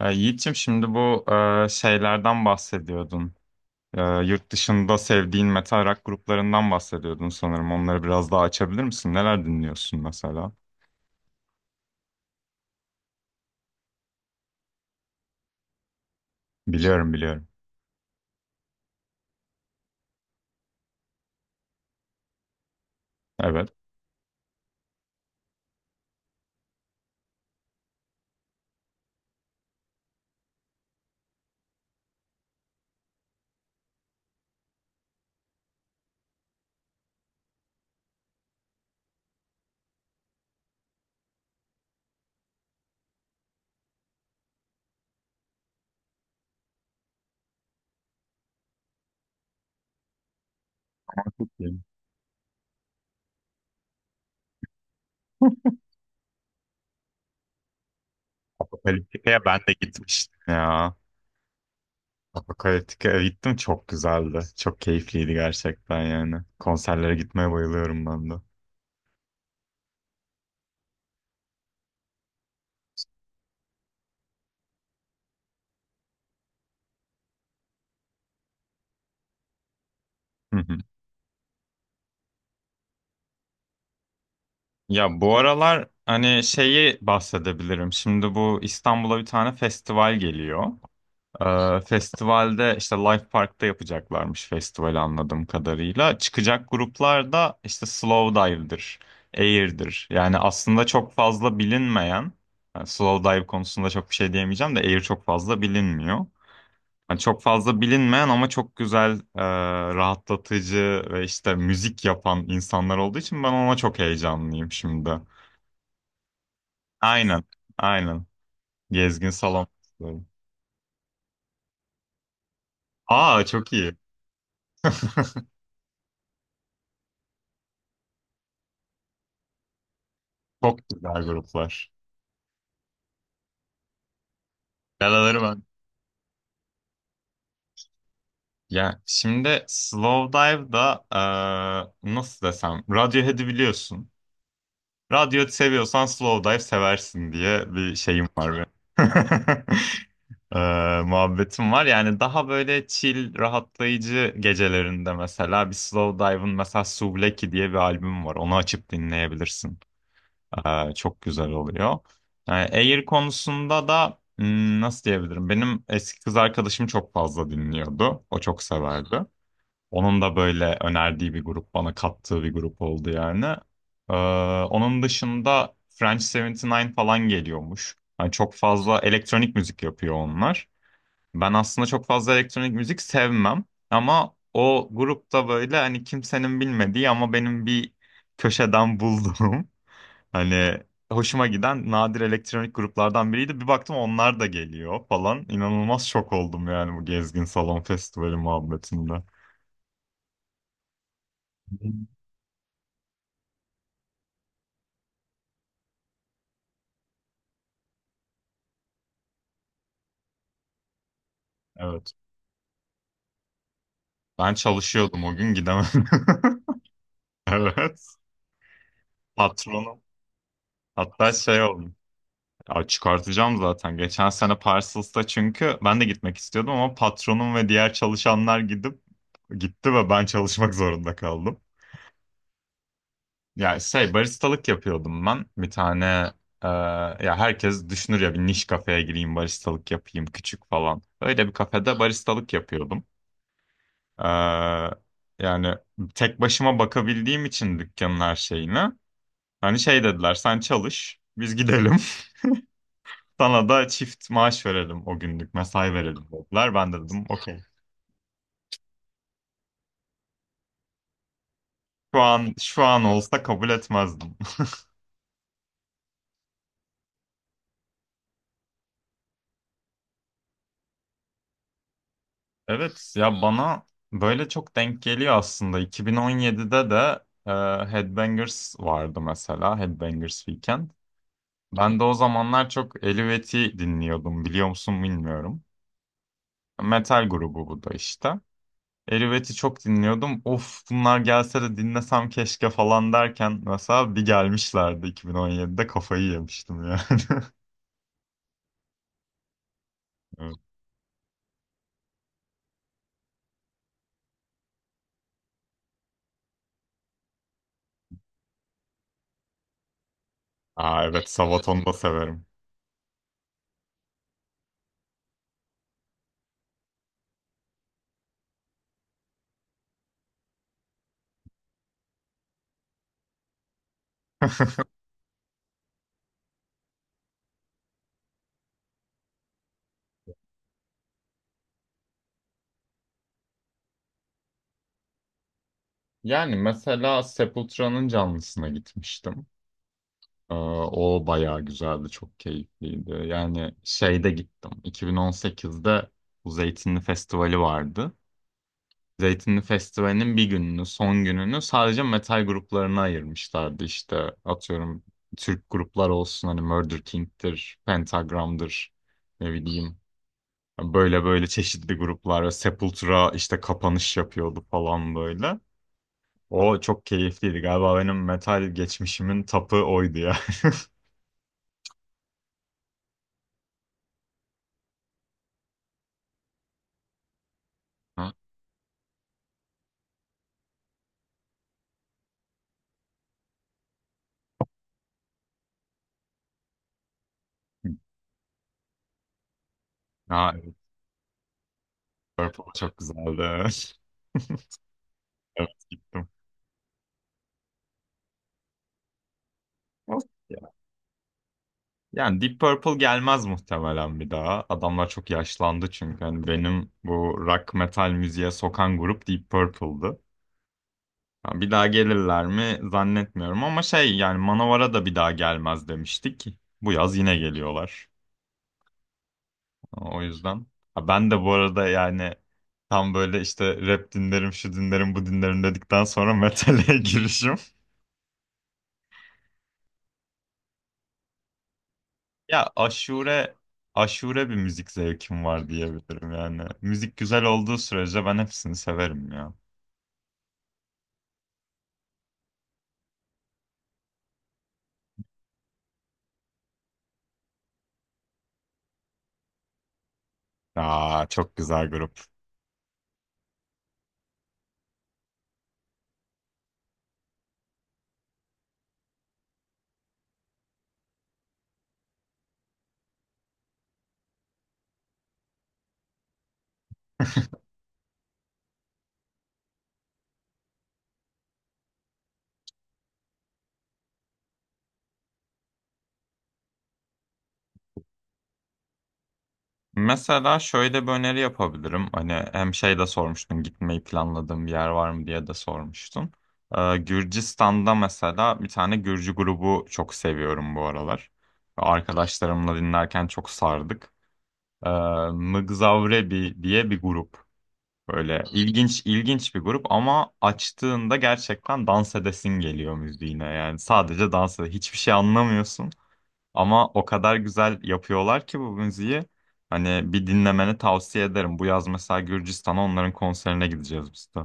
Yiğit'ciğim şimdi bu şeylerden bahsediyordun. Yurt dışında sevdiğin metal rock gruplarından bahsediyordun sanırım. Onları biraz daha açabilir misin? Neler dinliyorsun mesela? Biliyorum, biliyorum. Evet. Çok iyi. Apokaliptika'ya ben de gitmiştim ya. Apokaliptika'ya gittim, çok güzeldi. Çok keyifliydi gerçekten yani. Konserlere gitmeye bayılıyorum ben de. Hı hı. Ya bu aralar hani şeyi bahsedebilirim. Şimdi bu İstanbul'a bir tane festival geliyor. Festivalde işte Life Park'ta yapacaklarmış festivali anladığım kadarıyla. Çıkacak gruplar da işte Slowdive'dir, Air'dir. Yani aslında çok fazla bilinmeyen, yani Slowdive konusunda çok bir şey diyemeyeceğim de Air çok fazla bilinmiyor. Yani çok fazla bilinmeyen ama çok güzel, rahatlatıcı ve işte müzik yapan insanlar olduğu için ben ona çok heyecanlıyım şimdi. Aynen, aynen. Gezgin Salon. Aa, çok iyi. Çok güzel gruplar. Yaraları ben. Ya şimdi Slow Dive'da nasıl desem, Radiohead'i biliyorsun. Radiohead seviyorsan Slow Dive seversin diye bir şeyim var benim. Muhabbetim var. Yani daha böyle chill, rahatlayıcı gecelerinde mesela bir Slow Dive'ın mesela Souvlaki diye bir albüm var. Onu açıp dinleyebilirsin. Çok güzel oluyor. Air konusunda da hmm, nasıl diyebilirim? Benim eski kız arkadaşım çok fazla dinliyordu. O çok severdi. Onun da böyle önerdiği bir grup, bana kattığı bir grup oldu yani. Ee, Onun dışında French 79 falan geliyormuş. Yani çok fazla elektronik müzik yapıyor onlar. Ben aslında çok fazla elektronik müzik sevmem. Ama o grupta böyle hani kimsenin bilmediği ama benim bir köşeden bulduğum hani hoşuma giden nadir elektronik gruplardan biriydi. Bir baktım onlar da geliyor falan. İnanılmaz şok oldum yani bu Gezgin Salon Festivali muhabbetinde. Evet. Ben çalışıyordum o gün, gidemedim. Evet. Patronum. Hatta şey oldu. Ya çıkartacağım zaten. Geçen sene Parcels'ta çünkü ben de gitmek istiyordum ama patronum ve diğer çalışanlar gidip gitti ve ben çalışmak zorunda kaldım. Ya şey, baristalık yapıyordum ben. Bir tane e, ya herkes düşünür ya bir niş kafeye gireyim baristalık yapayım küçük falan. Öyle bir kafede baristalık yapıyordum. E, Yani tek başıma bakabildiğim için dükkanın her şeyine. Hani şey dediler, sen çalış biz gidelim. Sana da çift maaş verelim, o günlük mesai verelim dediler. Ben de dedim okey. Şu an olsa kabul etmezdim. Evet ya, bana böyle çok denk geliyor aslında. 2017'de de Headbangers vardı mesela. Headbangers Weekend. Ben de o zamanlar çok Elüvet'i dinliyordum. Biliyor musun bilmiyorum. Metal grubu bu da işte. Elüvet'i çok dinliyordum. Of, bunlar gelse de dinlesem keşke falan derken mesela bir gelmişlerdi 2017'de, kafayı yemiştim yani. Evet. Aa evet, Sabaton'u da severim. Yani mesela Sepultura'nın canlısına gitmiştim. Ee, O bayağı güzeldi, çok keyifliydi. Yani şeyde gittim. 2018'de bu Zeytinli Festivali vardı. Zeytinli Festivali'nin bir gününü, son gününü sadece metal gruplarına ayırmışlardı. İşte atıyorum, Türk gruplar olsun, hani Murder King'tir, Pentagram'dır, ne bileyim. Böyle böyle çeşitli gruplar ve Sepultura işte kapanış yapıyordu falan böyle. O çok keyifliydi. Galiba benim metal geçmişimin tapı oydu ya. Ha, Purple çok güzeldi. Evet, gittim. Olsun ya. Yani Deep Purple gelmez muhtemelen bir daha. Adamlar çok yaşlandı çünkü. Hani benim bu rock metal müziğe sokan grup Deep Purple'dı. Yani bir daha gelirler mi zannetmiyorum ama şey, yani Manowar'a da bir daha gelmez demiştik. Bu yaz yine geliyorlar. O yüzden. Ha, ben de bu arada yani tam böyle işte rap dinlerim, şu dinlerim, bu dinlerim dedikten sonra metale girişim. Ya, aşure bir müzik zevkim var diyebilirim yani. Müzik güzel olduğu sürece ben hepsini severim ya. Aa çok güzel grup. Mesela şöyle bir öneri yapabilirim. Hani hem şey de sormuştun, gitmeyi planladığım bir yer var mı diye de sormuştun. Gürcistan'da mesela bir tane Gürcü grubu çok seviyorum bu aralar. Arkadaşlarımla dinlerken çok sardık. Ee, Mgzavrebi diye bir grup. Böyle ilginç ilginç bir grup ama açtığında gerçekten dans edesin geliyor müziğine. Yani sadece dans ede- hiçbir şey anlamıyorsun ama o kadar güzel yapıyorlar ki bu müziği. Hani bir dinlemeni tavsiye ederim. Bu yaz mesela Gürcistan'a onların konserine gideceğiz biz de.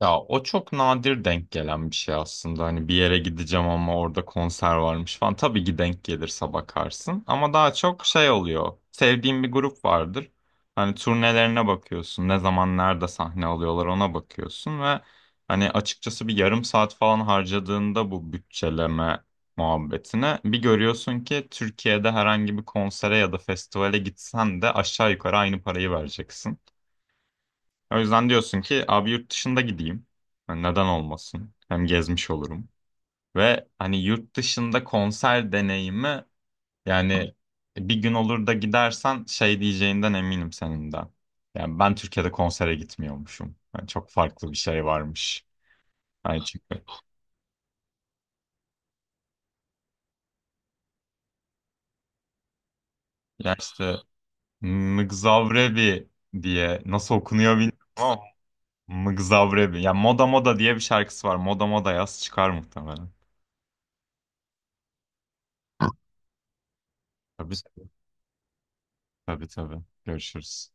Ya o çok nadir denk gelen bir şey aslında. Hani bir yere gideceğim ama orada konser varmış falan. Tabii ki denk gelirse bakarsın. Ama daha çok şey oluyor. Sevdiğin bir grup vardır. Hani turnelerine bakıyorsun. Ne zaman nerede sahne alıyorlar ona bakıyorsun ve hani açıkçası bir 1/2 saat falan harcadığında bu bütçeleme muhabbetine bir görüyorsun ki Türkiye'de herhangi bir konsere ya da festivale gitsen de aşağı yukarı aynı parayı vereceksin. O yüzden diyorsun ki abi yurt dışında gideyim. Yani neden olmasın? Hem gezmiş olurum. Ve hani yurt dışında konser deneyimi yani bir gün olur da gidersen şey diyeceğinden eminim senin de. Yani ben Türkiye'de konsere gitmiyormuşum. Yani çok farklı bir şey varmış. Yani çünkü ya işte Mgzavrebi diye nasıl okunuyor bilmiyorum ama Mgzavrebi. Ya Moda Moda diye bir şarkısı var. Moda Moda yaz, çıkar muhtemelen. Tabii, tabii, tabii. Görüşürüz.